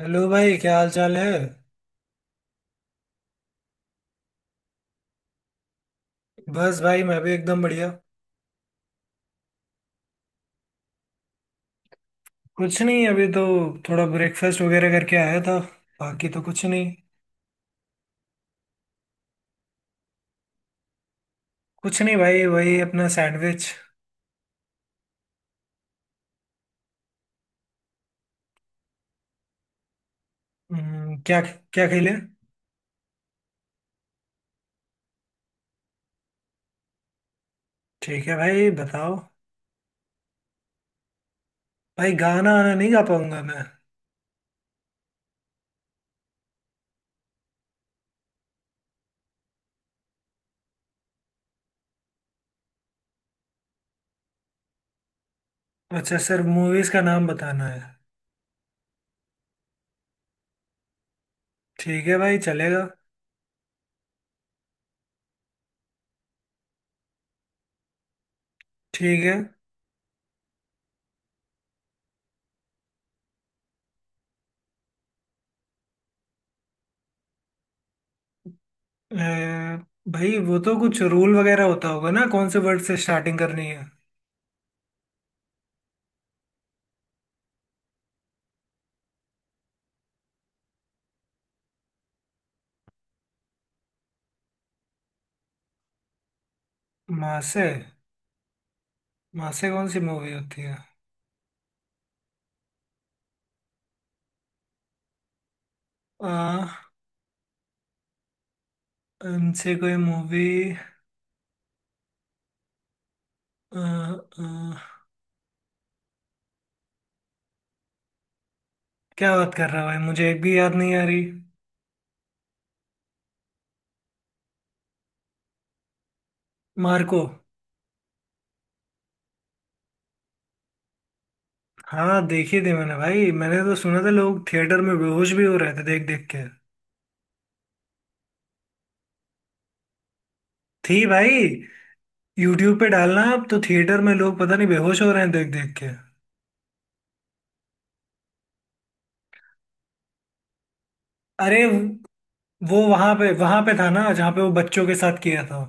Hello भाई, क्या हाल चाल है। बस भाई, मैं भी एकदम बढ़िया। कुछ नहीं, अभी तो थोड़ा ब्रेकफास्ट वगैरह करके आया था। बाकी तो कुछ नहीं। कुछ नहीं भाई, वही अपना सैंडविच। क्या क्या खेले। ठीक है भाई, बताओ। भाई गाना आना नहीं, गा पाऊंगा मैं। अच्छा सर, मूवीज का नाम बताना है। ठीक है भाई, चलेगा। ठीक है। अ, भाई वो तो कुछ रूल वगैरह होता होगा ना, कौन से वर्ड से स्टार्टिंग करनी है। माँ से। माँ से कौन सी मूवी होती है। आ, उनसे कोई मूवी। क्या बात कर रहा है भाई, मुझे एक भी याद नहीं आ रही। मार्को। हाँ देखी थी मैंने भाई, मैंने तो सुना था लोग थिएटर में बेहोश भी हो रहे थे देख देख के। थी भाई। यूट्यूब पे डालना अब तो, थिएटर में लोग पता नहीं बेहोश हो रहे हैं देख देख के। अरे, वो वहां पे था ना, जहाँ पे वो बच्चों के साथ किया था।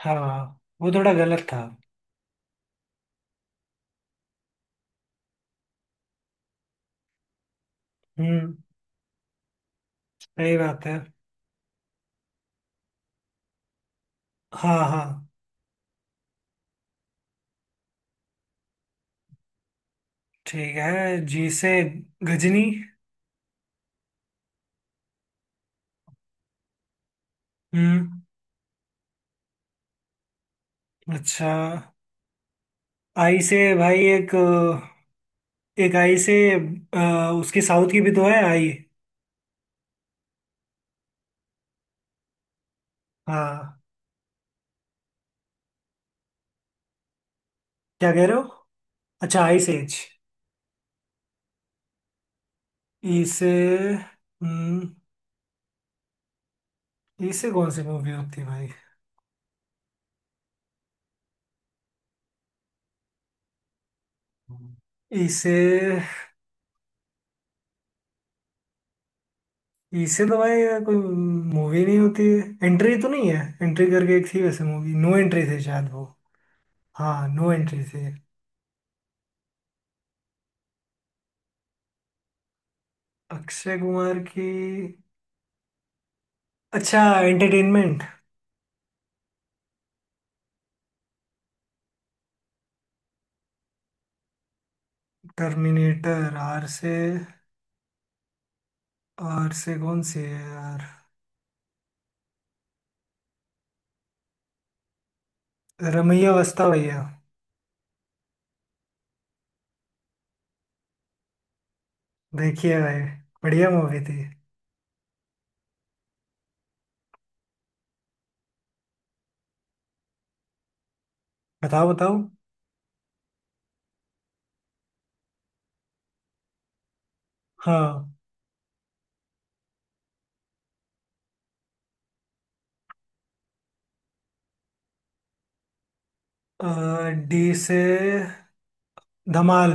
हाँ। वो थोड़ा गलत था। हम्म, सही बात है। हाँ हाँ। ठीक है, जी से गजनी। हम्म। अच्छा आई से भाई एक। एक आई से। उसकी साउथ की भी तो है आई। हाँ। क्या कह रहे हो। अच्छा आई से एच। ई से। हम्म। ई से कौन सी मूवी होती है भाई। ई से। ई से तो भाई कोई मूवी नहीं होती है। एंट्री तो नहीं है, एंट्री करके एक थी वैसे मूवी, नो एंट्री थी शायद वो। हाँ नो एंट्री थी। अक्षय कुमार की। अच्छा एंटरटेनमेंट। टर्मिनेटर आर से। आर से कौन सी है यार। रमैया वस्ता भैया। देखिएगा ये, बढ़िया मूवी थी। बताओ बताओ। हाँ। डी से धमाल।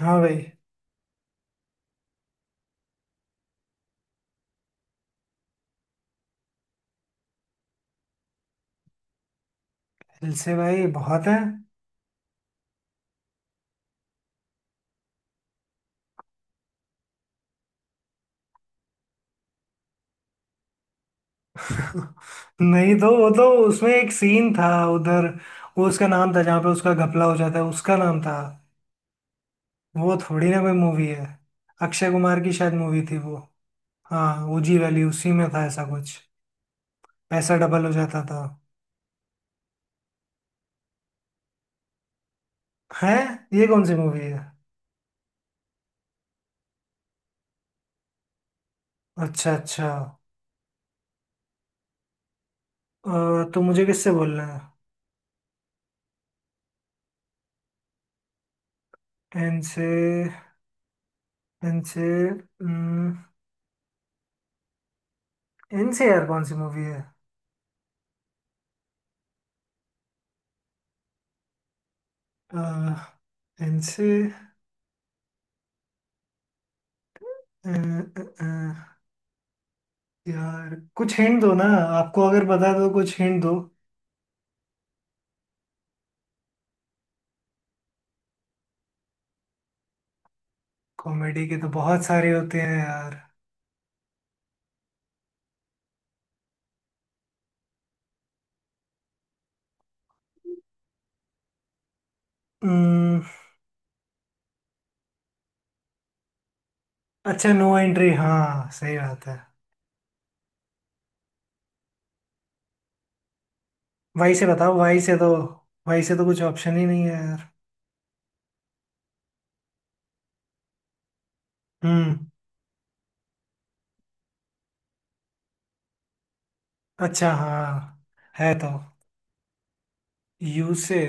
हाँ भाई। दिल से भाई बहुत है। नहीं तो वो तो उसमें एक सीन था उधर। वो उसका नाम था, जहाँ पे उसका घपला हो जाता है उसका नाम था। वो थोड़ी ना कोई मूवी है। अक्षय कुमार की शायद मूवी थी वो। हाँ ओजी वैली उसी में था ऐसा कुछ। पैसा डबल हो जाता था। है। ये कौन सी मूवी है। अच्छा अच्छा। तो मुझे किससे बोलना है। एन से। एन से। एन से यार कौन सी मूवी है। एन से। अ, अ, अ, यार कुछ हिंट दो ना। आपको अगर पता है तो कुछ हिंट दो। कॉमेडी के तो बहुत सारे होते हैं यार। अम्म, अच्छा नो एंट्री, हाँ सही बात है। वही से बताओ, वही से तो कुछ ऑप्शन ही नहीं है यार। हम्म। अच्छा हाँ। है तो। यू से।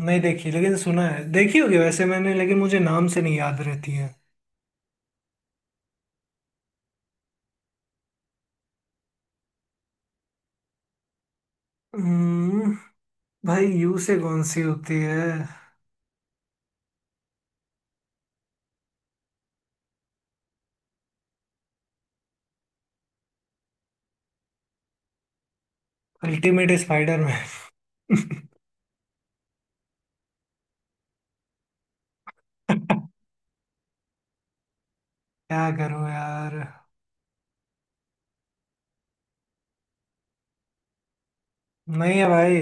नहीं देखी लेकिन सुना है, देखी होगी वैसे मैंने लेकिन मुझे नाम से नहीं याद रहती है। हम्म, भाई यू से कौन सी होती है। Ultimate Spiderman. क्या करूं यार। नहीं है भाई।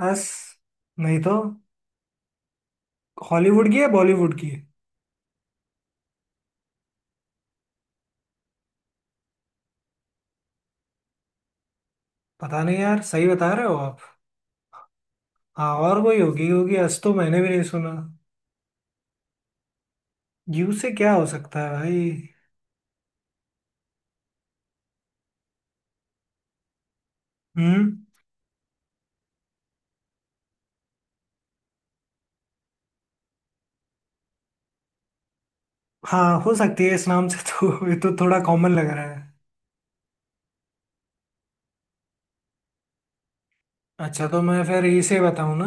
बस। नहीं तो। हॉलीवुड की है बॉलीवुड की है? पता नहीं यार, सही बता रहे हो आप। हाँ और कोई होगी होगी, आज तो मैंने भी नहीं सुना। यू से क्या हो सकता है भाई। हम्म। हाँ हो सकती है, इस नाम से तो ये तो थोड़ा कॉमन लग रहा है। अच्छा तो मैं फिर इसे बताऊं ना।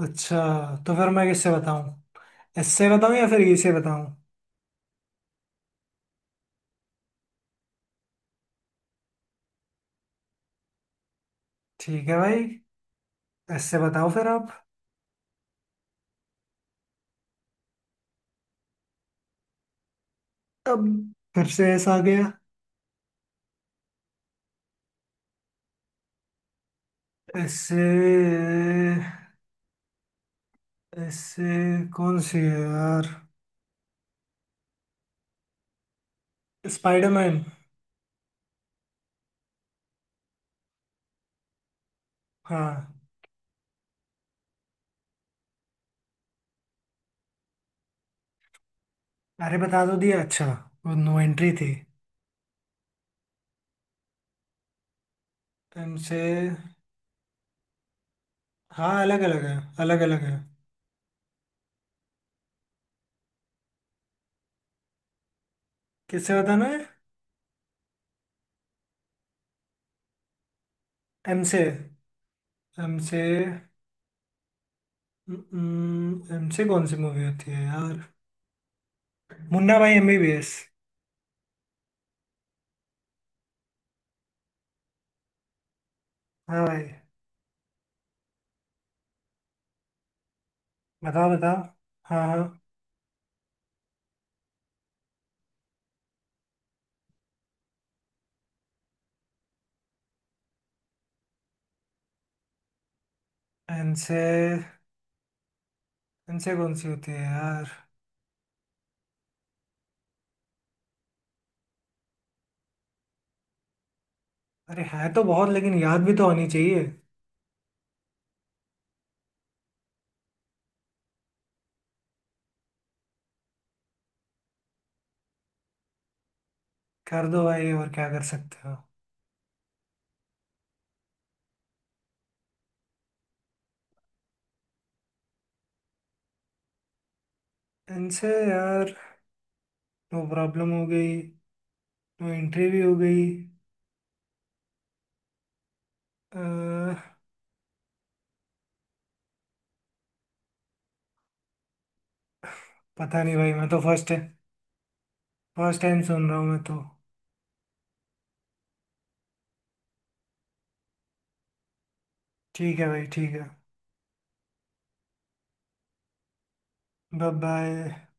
अच्छा तो फिर मैं किससे बताऊं, इससे बताऊं या फिर इससे बताऊं। ठीक है भाई, इससे बताओ फिर आप। अब फिर से ऐसा आ गया। इससे। इससे कौन सी है यार। स्पाइडरमैन। हाँ। अरे बता तो दिया अच्छा, वो नो एंट्री थी। एम से। हाँ अलग अलग है। अलग अलग है। किससे बताना है। एम से। एम से। एम से कौन सी मूवी होती है यार। मुन्ना भाई एमबीबीएस। हाँ भाई। बताओ बताओ। हाँ हाँ। इनसे। इनसे कौन सी होती है यार। अरे है तो बहुत, लेकिन याद भी तो आनी चाहिए। कर दो भाई, और क्या कर सकते हो। इनसे यार। नो प्रॉब्लम हो गई, नो एंट्री भी हो गई। अह, पता नहीं भाई, मैं तो फर्स्ट फर्स्ट टाइम सुन रहा हूँ मैं तो। ठीक है भाई ठीक है। Bye bye.